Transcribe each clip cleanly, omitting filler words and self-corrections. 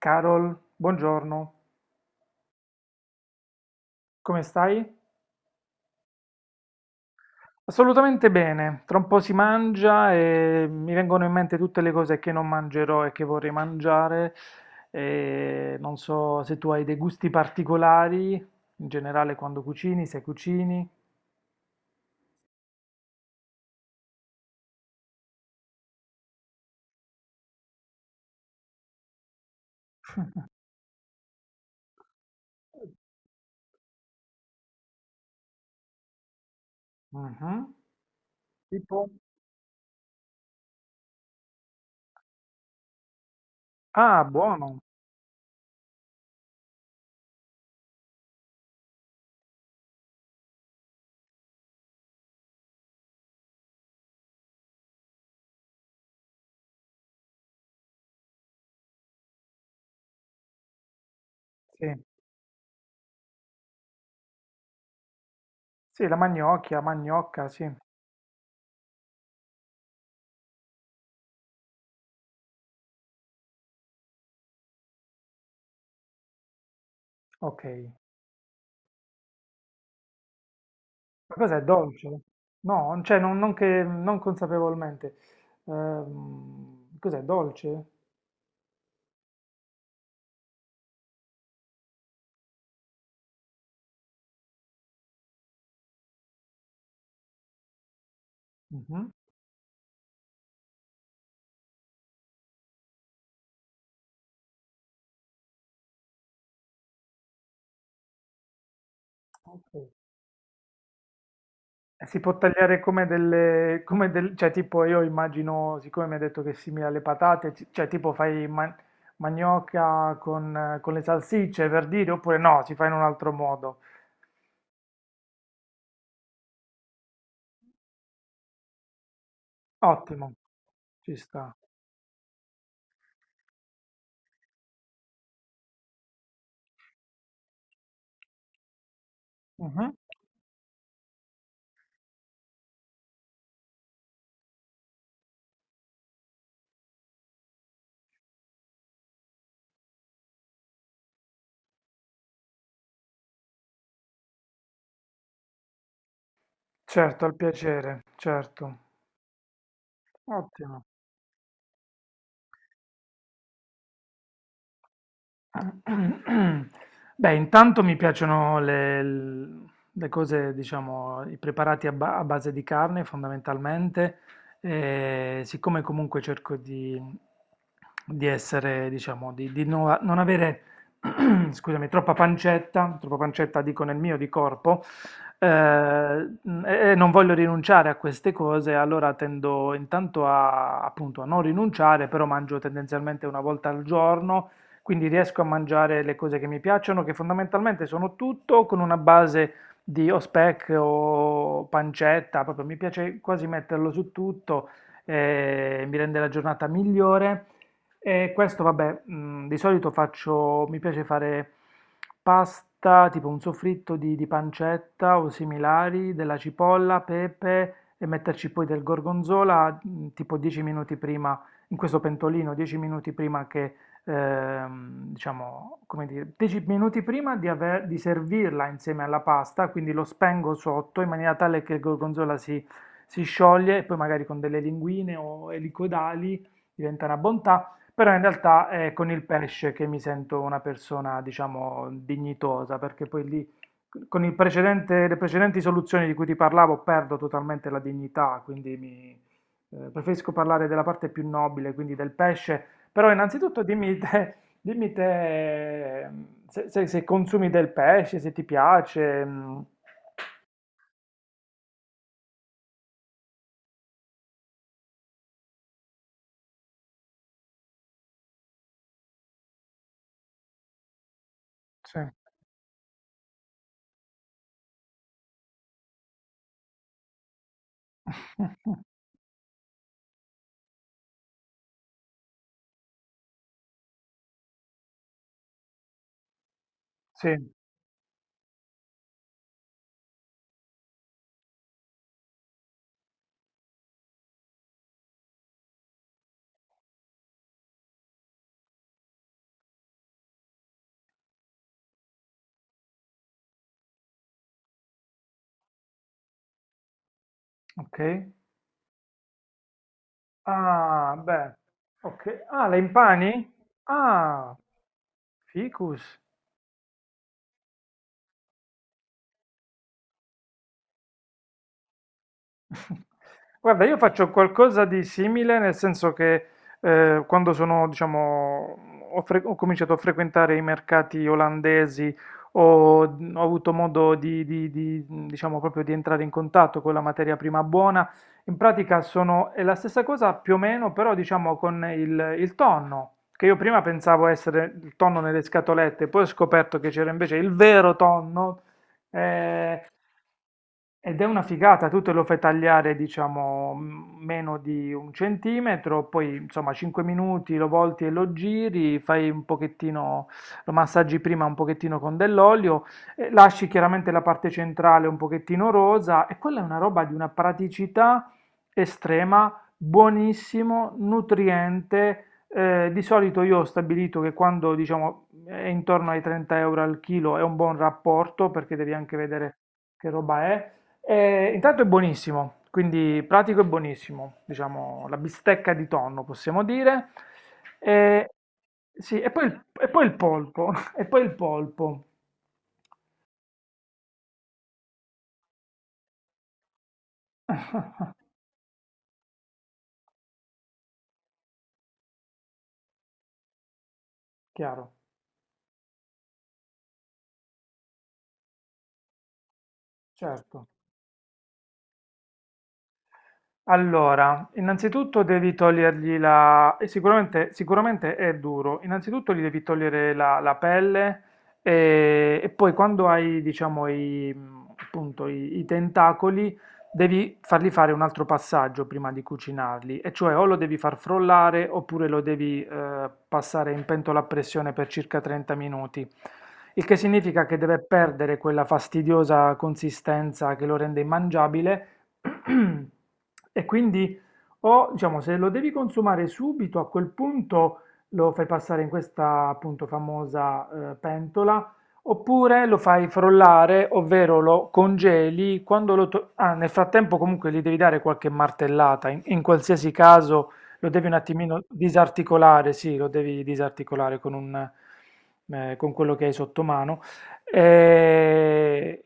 Carol, buongiorno, come stai? Assolutamente bene, tra un po' si mangia e mi vengono in mente tutte le cose che non mangerò e che vorrei mangiare. E non so se tu hai dei gusti particolari, in generale quando cucini, se cucini. Mhm. Tipo? Ah, buono, sì. Sì, la magnocchia, magnocca, sì. Ok. Ma cos'è, dolce? No, cioè non consapevolmente. Cos'è, dolce? Mh-mh. Okay. E si può tagliare come delle come del cioè tipo io immagino, siccome mi hai detto che è simile alle patate, ci cioè tipo fai ma manioca con le salsicce per dire, oppure no, si fa in un altro modo. Ottimo, ci sta. Mh-mh. Certo, al piacere, certo. Ottimo. Beh, intanto mi piacciono le cose, diciamo, i preparati a, a base di carne fondamentalmente, e siccome comunque cerco di essere, diciamo, di non avere, scusami, troppa pancetta dico nel mio di corpo, eh, e non voglio rinunciare a queste cose, allora tendo intanto a, appunto, a non rinunciare, però mangio tendenzialmente una volta al giorno quindi riesco a mangiare le cose che mi piacciono, che fondamentalmente sono tutto con una base di o speck o pancetta, proprio mi piace quasi metterlo su tutto, mi rende la giornata migliore. E questo, vabbè, di solito faccio, mi piace fare pasta, tipo un soffritto di pancetta o similari, della cipolla, pepe e metterci poi del gorgonzola, tipo 10 minuti prima, in questo pentolino, 10 minuti prima che diciamo, come dire, 10 minuti prima di servirla insieme alla pasta, quindi lo spengo sotto in maniera tale che il gorgonzola si scioglie e poi magari con delle linguine o elicoidali diventa una bontà, però in realtà è con il pesce che mi sento una persona, diciamo, dignitosa, perché poi lì con il le precedenti soluzioni di cui ti parlavo perdo totalmente la dignità, quindi preferisco parlare della parte più nobile, quindi del pesce però innanzitutto dimmi te, se consumi del pesce, se ti piace. Mm. Sì. Sì, ok. Ah, beh, ok. Ah, la impani? Ah, ficus. Guarda, io faccio qualcosa di simile, nel senso che quando sono, diciamo, ho cominciato a frequentare i mercati olandesi, ho, ho avuto modo di, diciamo, proprio di entrare in contatto con la materia prima buona. In pratica sono, è la stessa cosa più o meno, però diciamo con il tonno, che io prima pensavo essere il tonno nelle scatolette, poi ho scoperto che c'era invece il vero tonno. eh, Ed è una figata, tu te lo fai tagliare, diciamo, m- meno di un centimetro, poi insomma 5 minuti lo volti e lo giri, fai un pochettino, lo massaggi prima un pochettino con dell'olio, lasci chiaramente la parte centrale un pochettino rosa e quella è una roba di una praticità estrema, buonissimo, nutriente. Di solito io ho stabilito che quando diciamo è intorno ai 30 euro al chilo è un buon rapporto perché devi anche vedere che roba è. Intanto è buonissimo, quindi pratico e buonissimo, diciamo la bistecca di tonno possiamo dire. Eh, sì, e poi il polpo, e poi il polpo, chiaro, certo. Allora, innanzitutto devi togliergli la... e sicuramente, sicuramente è duro. Innanzitutto gli devi togliere la pelle e poi quando hai, diciamo, appunto, i tentacoli, devi fargli fare un altro passaggio prima di cucinarli. E cioè o lo devi far frollare oppure lo devi passare in pentola a pressione per circa 30 minuti. Il che significa che deve perdere quella fastidiosa consistenza che lo rende immangiabile. E quindi o diciamo se lo devi consumare subito a quel punto lo fai passare in questa appunto famosa pentola oppure lo fai frollare, ovvero lo congeli quando nel frattempo comunque gli devi dare qualche martellata, in qualsiasi caso lo devi un attimino disarticolare, sì, lo devi disarticolare con un con quello che hai sotto mano. Eh,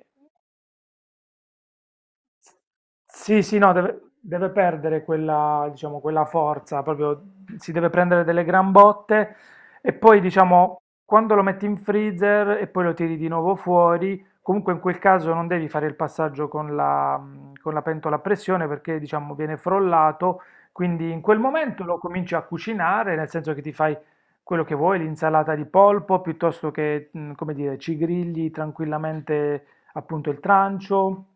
sì, no, deve, deve perdere quella, diciamo, quella forza, proprio si deve prendere delle gran botte e poi, diciamo, quando lo metti in freezer e poi lo tiri di nuovo fuori, comunque in quel caso non devi fare il passaggio con con la pentola a pressione perché, diciamo, viene frollato, quindi in quel momento lo cominci a cucinare, nel senso che ti fai quello che vuoi, l'insalata di polpo, piuttosto che, come dire, ci grigli tranquillamente appunto il trancio.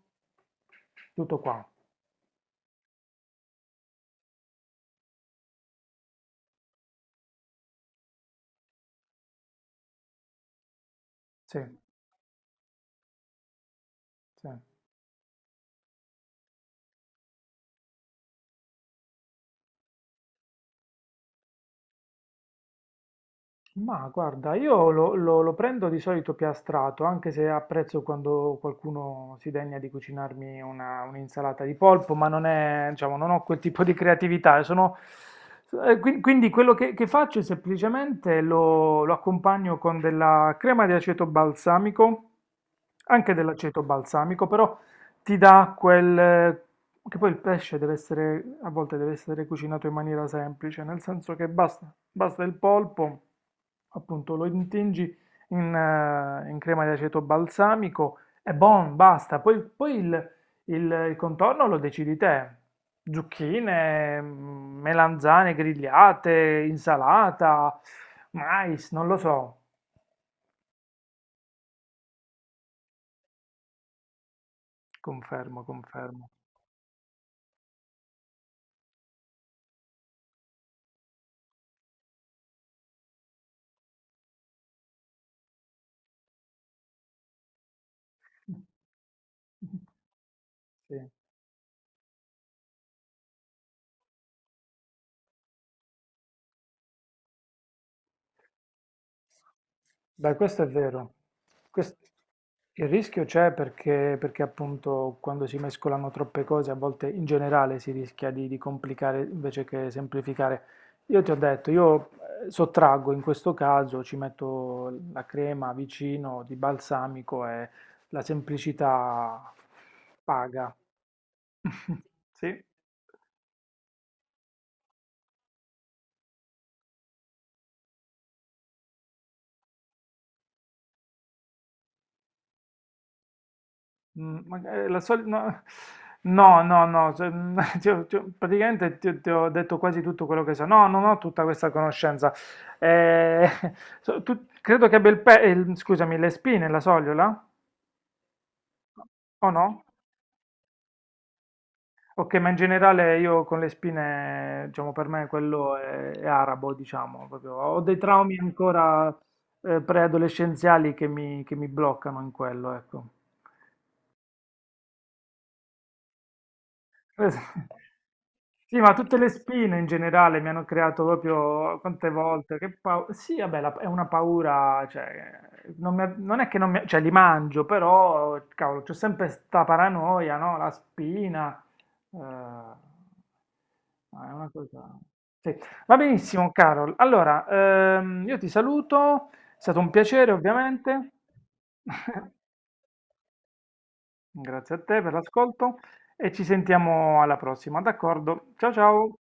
Tutto qua, sì, sì. Ma guarda, io lo prendo di solito piastrato, anche se apprezzo quando qualcuno si degna di cucinarmi un'insalata di polpo, ma non è, diciamo, non ho quel tipo di creatività. Sono, quindi quello che faccio è semplicemente lo accompagno con della crema di aceto balsamico, anche dell'aceto balsamico, però ti dà quel, che poi il pesce deve essere, a volte deve essere cucinato in maniera semplice, nel senso che basta, basta il polpo, appunto lo intingi in crema di aceto balsamico e buon, basta. Poi, poi il contorno lo decidi te. Zucchine, melanzane grigliate, insalata, mais, non lo so. Confermo, confermo. Sì. Beh, questo è vero. Quest- Il rischio c'è perché, perché appunto quando si mescolano troppe cose, a volte in generale si rischia di complicare invece che semplificare. Io ti ho detto, io sottraggo in questo caso, ci metto la crema vicino di balsamico e la semplicità paga. Sì. Mhmm, mag la soli no no, no, no, se mhmm, ti ho praticamente ti ho detto quasi tutto quello che so. No, non ho tutta questa conoscenza. Ehm, so tu credo che abbia il pe scusami, le spine la sogliola? O no? Okay, ma in generale io con le spine, diciamo per me quello è arabo, diciamo, proprio ho dei traumi ancora, preadolescenziali che mi bloccano in quello, ecco. Sì, ma tutte le spine in generale mi hanno creato proprio quante volte, sì, vabbè, la- è una paura, cioè, non è che non mi, cioè, li mangio, però, cavolo, c'è sempre sta paranoia, no? La spina, ma è una cosa... Sì. Va benissimo, Carol. Allora, io ti saluto, è stato un piacere, ovviamente. Grazie a te per l'ascolto e ci sentiamo alla prossima, d'accordo? Ciao ciao!